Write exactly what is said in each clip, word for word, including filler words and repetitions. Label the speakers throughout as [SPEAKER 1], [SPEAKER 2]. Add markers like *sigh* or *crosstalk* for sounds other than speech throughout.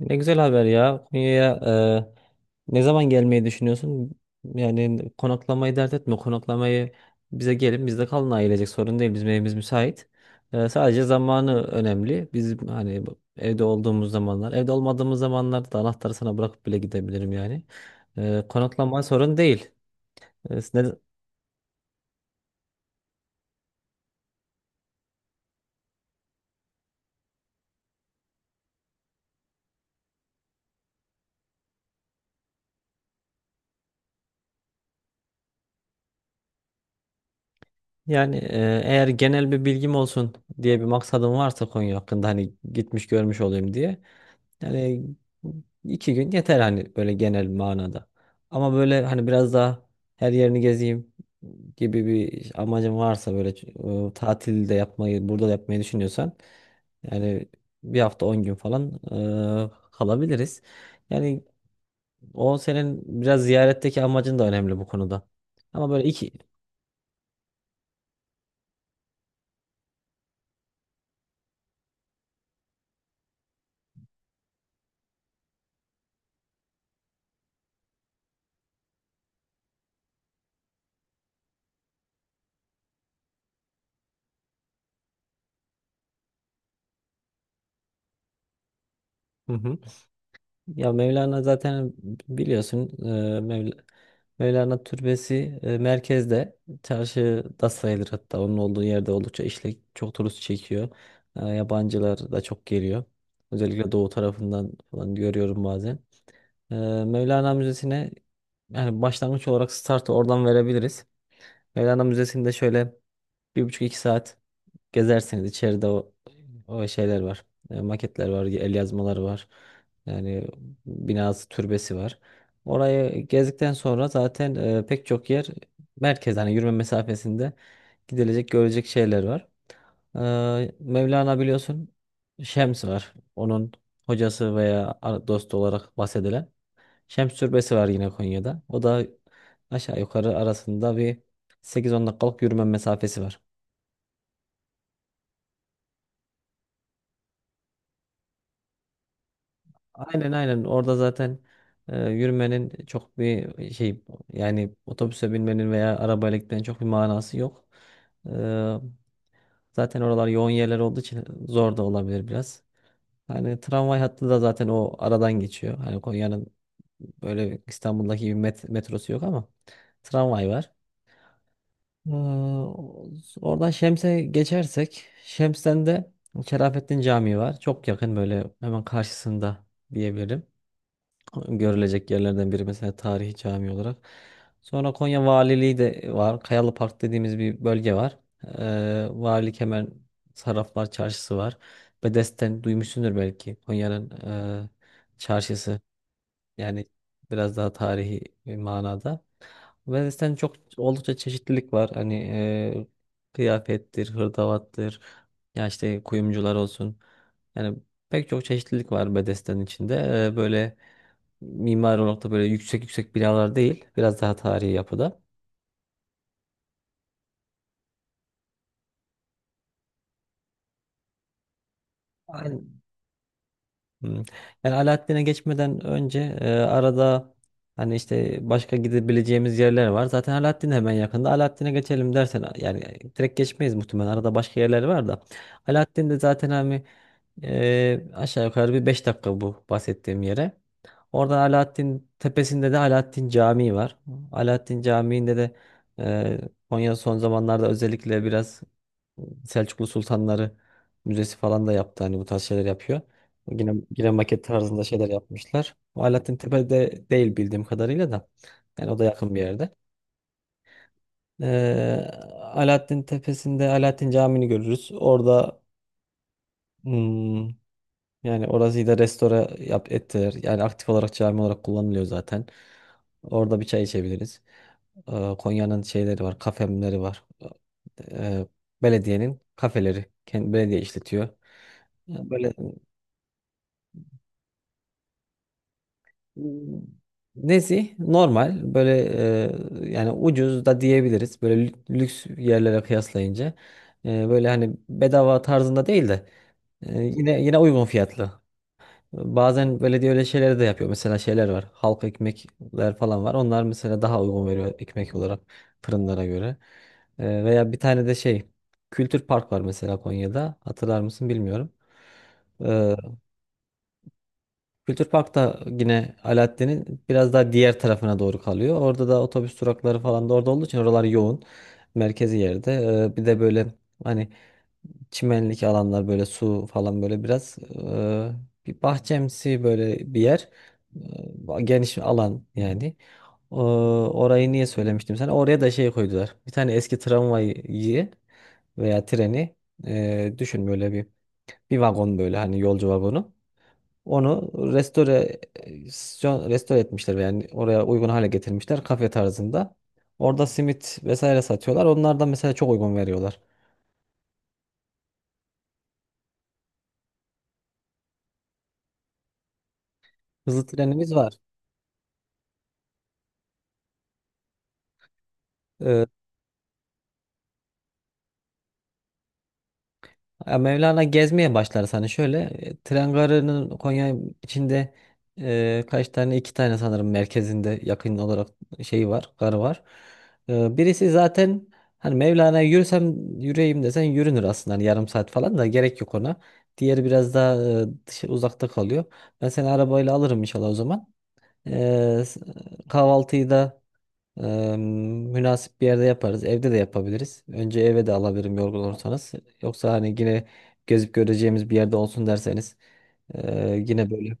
[SPEAKER 1] Ne güzel haber ya. Konya'ya e, ne zaman gelmeyi düşünüyorsun? Yani konaklamayı dert etme. Konaklamayı bize gelin, bizde kalın, ailecek sorun değil. Bizim evimiz müsait. E, sadece zamanı önemli. Biz hani bu- evde olduğumuz zamanlar, evde olmadığımız zamanlarda da anahtarı sana bırakıp bile gidebilirim yani. E, konaklama sorun değil. E, ne- Yani, e, eğer genel bir bilgim olsun diye bir maksadım varsa Konya hakkında, hani gitmiş görmüş olayım diye. Yani iki gün yeter hani böyle genel manada. Ama böyle hani biraz daha her yerini gezeyim gibi bir amacın varsa, böyle e, tatil de yapmayı burada da yapmayı düşünüyorsan, yani bir hafta on gün falan e, kalabiliriz. Yani o senin biraz ziyaretteki amacın da önemli bu konuda. Ama böyle iki. Hı hı. Ya Mevlana zaten biliyorsun, Mevlana Türbesi e, merkezde, çarşıda sayılır, hatta onun olduğu yerde oldukça işlek, çok turist çekiyor. E, yabancılar da çok geliyor. Özellikle doğu tarafından falan görüyorum bazen. E, Mevlana Müzesi'ne, yani başlangıç olarak startı oradan verebiliriz. Mevlana Müzesi'nde şöyle bir buçuk iki saat gezersiniz içeride. O, o şeyler var. E, maketler var, el yazmaları var. Yani binası, türbesi var. Orayı gezdikten sonra zaten e, pek çok yer merkez, hani yürüme mesafesinde gidilecek, görülecek şeyler var. E, Mevlana biliyorsun, Şems var. Onun hocası veya ar- dostu olarak bahsedilen Şems türbesi var yine Konya'da. O da aşağı yukarı arasında bir sekiz on dakikalık yürüme mesafesi var. Aynen, aynen, orada zaten e, yürümenin çok bir şey, yani otobüse binmenin veya arabayla gitmenin çok bir manası yok. E, zaten oralar yoğun yerler olduğu için zor da olabilir biraz. Hani tramvay hattı da zaten o aradan geçiyor. Hani Konya'nın böyle İstanbul'daki gibi met- metrosu yok ama tramvay var. E, oradan Şems'e geçersek, Şems'ten de Şerafettin Camii var. Çok yakın, böyle hemen karşısında diyebilirim, görülecek yerlerden biri mesela tarihi cami olarak. Sonra Konya Valiliği de var. Kayalı Park dediğimiz bir bölge var. Ee, Valilik hemen, Sarraflar Çarşısı var. Bedesten duymuşsundur belki, Konya'nın e, çarşısı. Yani biraz daha tarihi bir manada. Venice'ten çok oldukça çeşitlilik var. Hani e, kıyafettir, hırdavattır, ya işte kuyumcular olsun. Yani pek çok çeşitlilik var Bedesten içinde. E, böyle mimari olarak da böyle yüksek yüksek binalar değil. Biraz daha tarihi yapıda. Yani aynen. Hmm. Yani Alaaddin'e geçmeden önce e, arada hani işte başka gidebileceğimiz yerler var. Zaten Alaaddin hemen yakında. Alaaddin'e geçelim dersen, yani direkt geçmeyiz muhtemelen. Arada başka yerler var da. Alaaddin de zaten hani e, aşağı yukarı bir beş dakika bu bahsettiğim yere. Orada Alaaddin tepesinde de Alaaddin Camii var. Alaaddin Camii'nde de e, Konya son zamanlarda özellikle biraz Selçuklu Sultanları Müzesi falan da yaptı. Hani bu tarz şeyler yapıyor. Yine, yine maket tarzında şeyler yapmışlar. O Alaaddin Tepe'de değil bildiğim kadarıyla da. Yani o da yakın bir yerde. Ee, Alaaddin Tepesi'nde Alaaddin Camii'ni görürüz. Orada hmm, yani orası da restore yap, ettiler. Yani aktif olarak cami olarak kullanılıyor zaten. Orada bir çay içebiliriz. Ee, Konya'nın şeyleri var, kafemleri var. Ee, belediyenin kafeleri. Kendi belediye işletiyor. Yani böyle, nezih, normal, böyle e, yani ucuz da diyebiliriz böyle lü- lüks yerlere kıyaslayınca. E, böyle hani bedava tarzında değil de e, yine yine uygun fiyatlı. Bazen belediye öyle şeyleri de yapıyor. Mesela şeyler var, halk ekmekler falan var. Onlar mesela daha uygun veriyor ekmek olarak fırınlara göre. E, veya bir tane de şey, Kültür Park var mesela Konya'da. Hatırlar mısın bilmiyorum. E, Kültür Park da yine Alaaddin'in biraz daha diğer tarafına doğru kalıyor. Orada da otobüs durakları falan da orada olduğu için oralar yoğun. Merkezi yerde. Ee, bir de böyle hani çimenlik alanlar, böyle su falan, böyle biraz e, bir bahçemsi böyle bir yer. Ee, Geniş alan yani. Ee, orayı niye söylemiştim sana? Oraya da şey koydular. Bir tane eski tramvayı veya treni, e, düşün böyle bir bir vagon böyle hani yolcu vagonu. Onu restore e, restore etmişler, yani oraya uygun hale getirmişler kafe tarzında. Orada simit vesaire satıyorlar. Onlardan mesela çok uygun veriyorlar. Hızlı trenimiz var. Ee, Ya Mevlana gezmeye başlar sana şöyle. e, Tren garının Konya içinde e, kaç tane, iki tane sanırım, merkezinde yakın olarak şey var, garı var. E, birisi zaten hani Mevlana'ya yürüsem yürüyeyim desen yürünür aslında, hani yarım saat falan da gerek yok ona. Diğeri biraz daha e, dışı, uzakta kalıyor. Ben seni arabayla alırım inşallah o zaman. E, s- kahvaltıyı da Eee, münasip bir yerde yaparız. Evde de yapabiliriz. Önce eve de alabilirim yorgun olursanız. Yoksa hani yine gezip göreceğimiz bir yerde olsun derseniz, eee, yine böyle.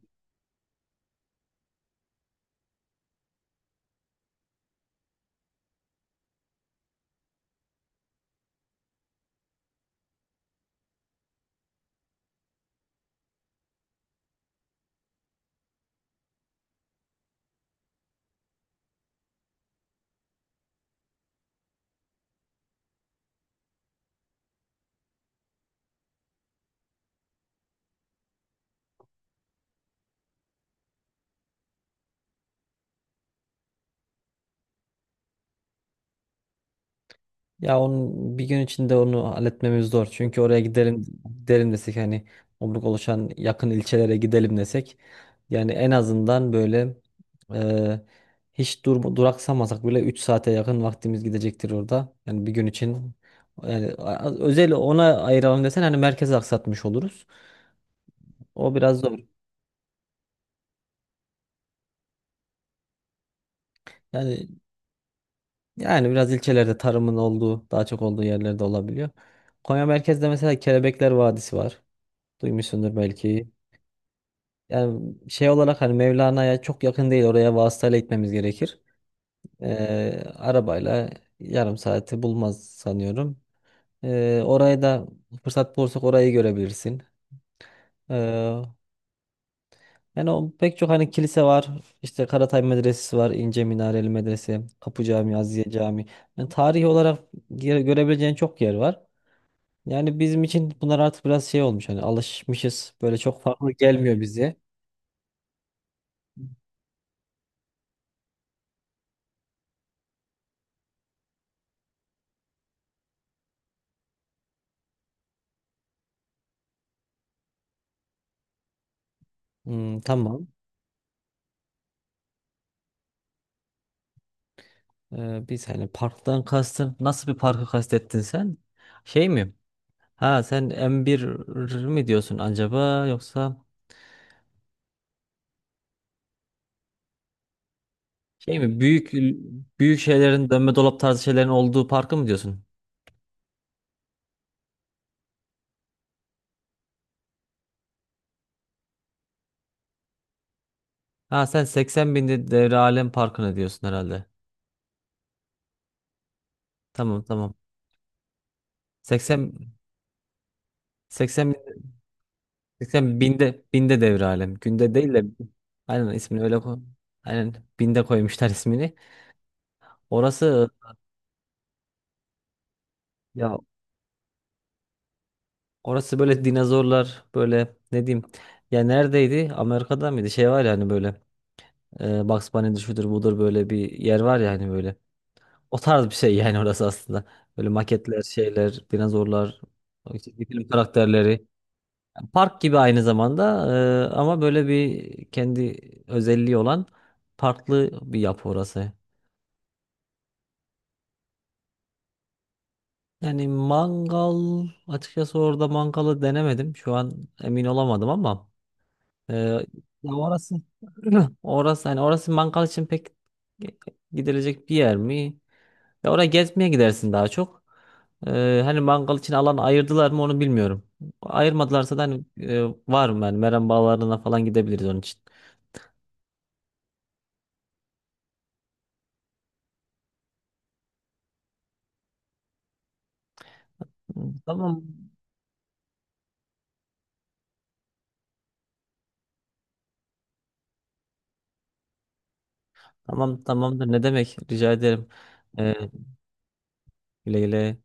[SPEAKER 1] Ya onun bir gün içinde onu halletmemiz zor. Çünkü oraya gidelim gidelim desek hani, omruk oluşan yakın ilçelere gidelim desek, yani en azından böyle eee, hiç dur duraksamasak bile üç saate yakın vaktimiz gidecektir orada. Yani bir gün için, yani a- özel ona ayıralım desen hani merkezi aksatmış oluruz. O biraz zor. Yani yani biraz ilçelerde tarımın olduğu, daha çok olduğu yerlerde olabiliyor. Konya merkezde mesela Kelebekler Vadisi var. Duymuşsundur belki. Yani şey olarak hani Mevlana'ya çok yakın değil. Oraya vasıtayla gitmemiz gerekir. Ee, arabayla yarım saati bulmaz sanıyorum. Ee, oraya da fırsat bulursak orayı görebilirsin. Ee, Yani o pek çok hani kilise var, işte Karatay Medresesi var, İnce Minareli Medrese, Kapı Camii, Aziye Camii. Yani tarihi olarak gere- görebileceğin çok yer var. Yani bizim için bunlar artık biraz şey olmuş. Hani alışmışız. Böyle çok farklı gelmiyor bize. Hmm, tamam. Ee, biz hani parktan kastın, nasıl bir parkı kastettin sen? Şey mi? Ha sen M bir mi diyorsun acaba, yoksa şey mi? Büyük büyük şeylerin, dönme dolap tarzı şeylerin olduğu parkı mı diyorsun? Ha sen seksen binde Devre Alem Parkı'na diyorsun herhalde. Tamam, tamam. seksen seksen binde, seksen binde binde Devre Alem. Günde değil de, aynen, ismini öyle koy. Aynen, binde koymuşlar *laughs* ismini. Orası, ya orası böyle dinozorlar, böyle ne diyeyim. Ya neredeydi? Amerika'da mıydı? Şey var ya hani böyle, e, Bugs Bunny'dir, şudur budur, böyle bir yer var ya hani böyle. O tarz bir şey *laughs* yani orası aslında. Böyle maketler, şeyler, dinozorlar, çizgi film karakterleri. Park gibi aynı zamanda e, ama böyle bir kendi özelliği olan farklı bir yapı orası. Yani mangal açıkçası, orada mangalı denemedim. Şu an emin olamadım ama e, ya orası *clears throat* orası hani orası mangal için pek gidilecek bir yer mi? Ya oraya gezmeye gidersin daha çok. E, hani mangal için alan ayırdılar mı onu bilmiyorum. Ayırmadılarsa da hani e, var mı yani, Meram Bağları'na falan gidebiliriz onun için. Tamam. Tamam, tamamdır, ne demek, rica ederim. Ee, güle güle.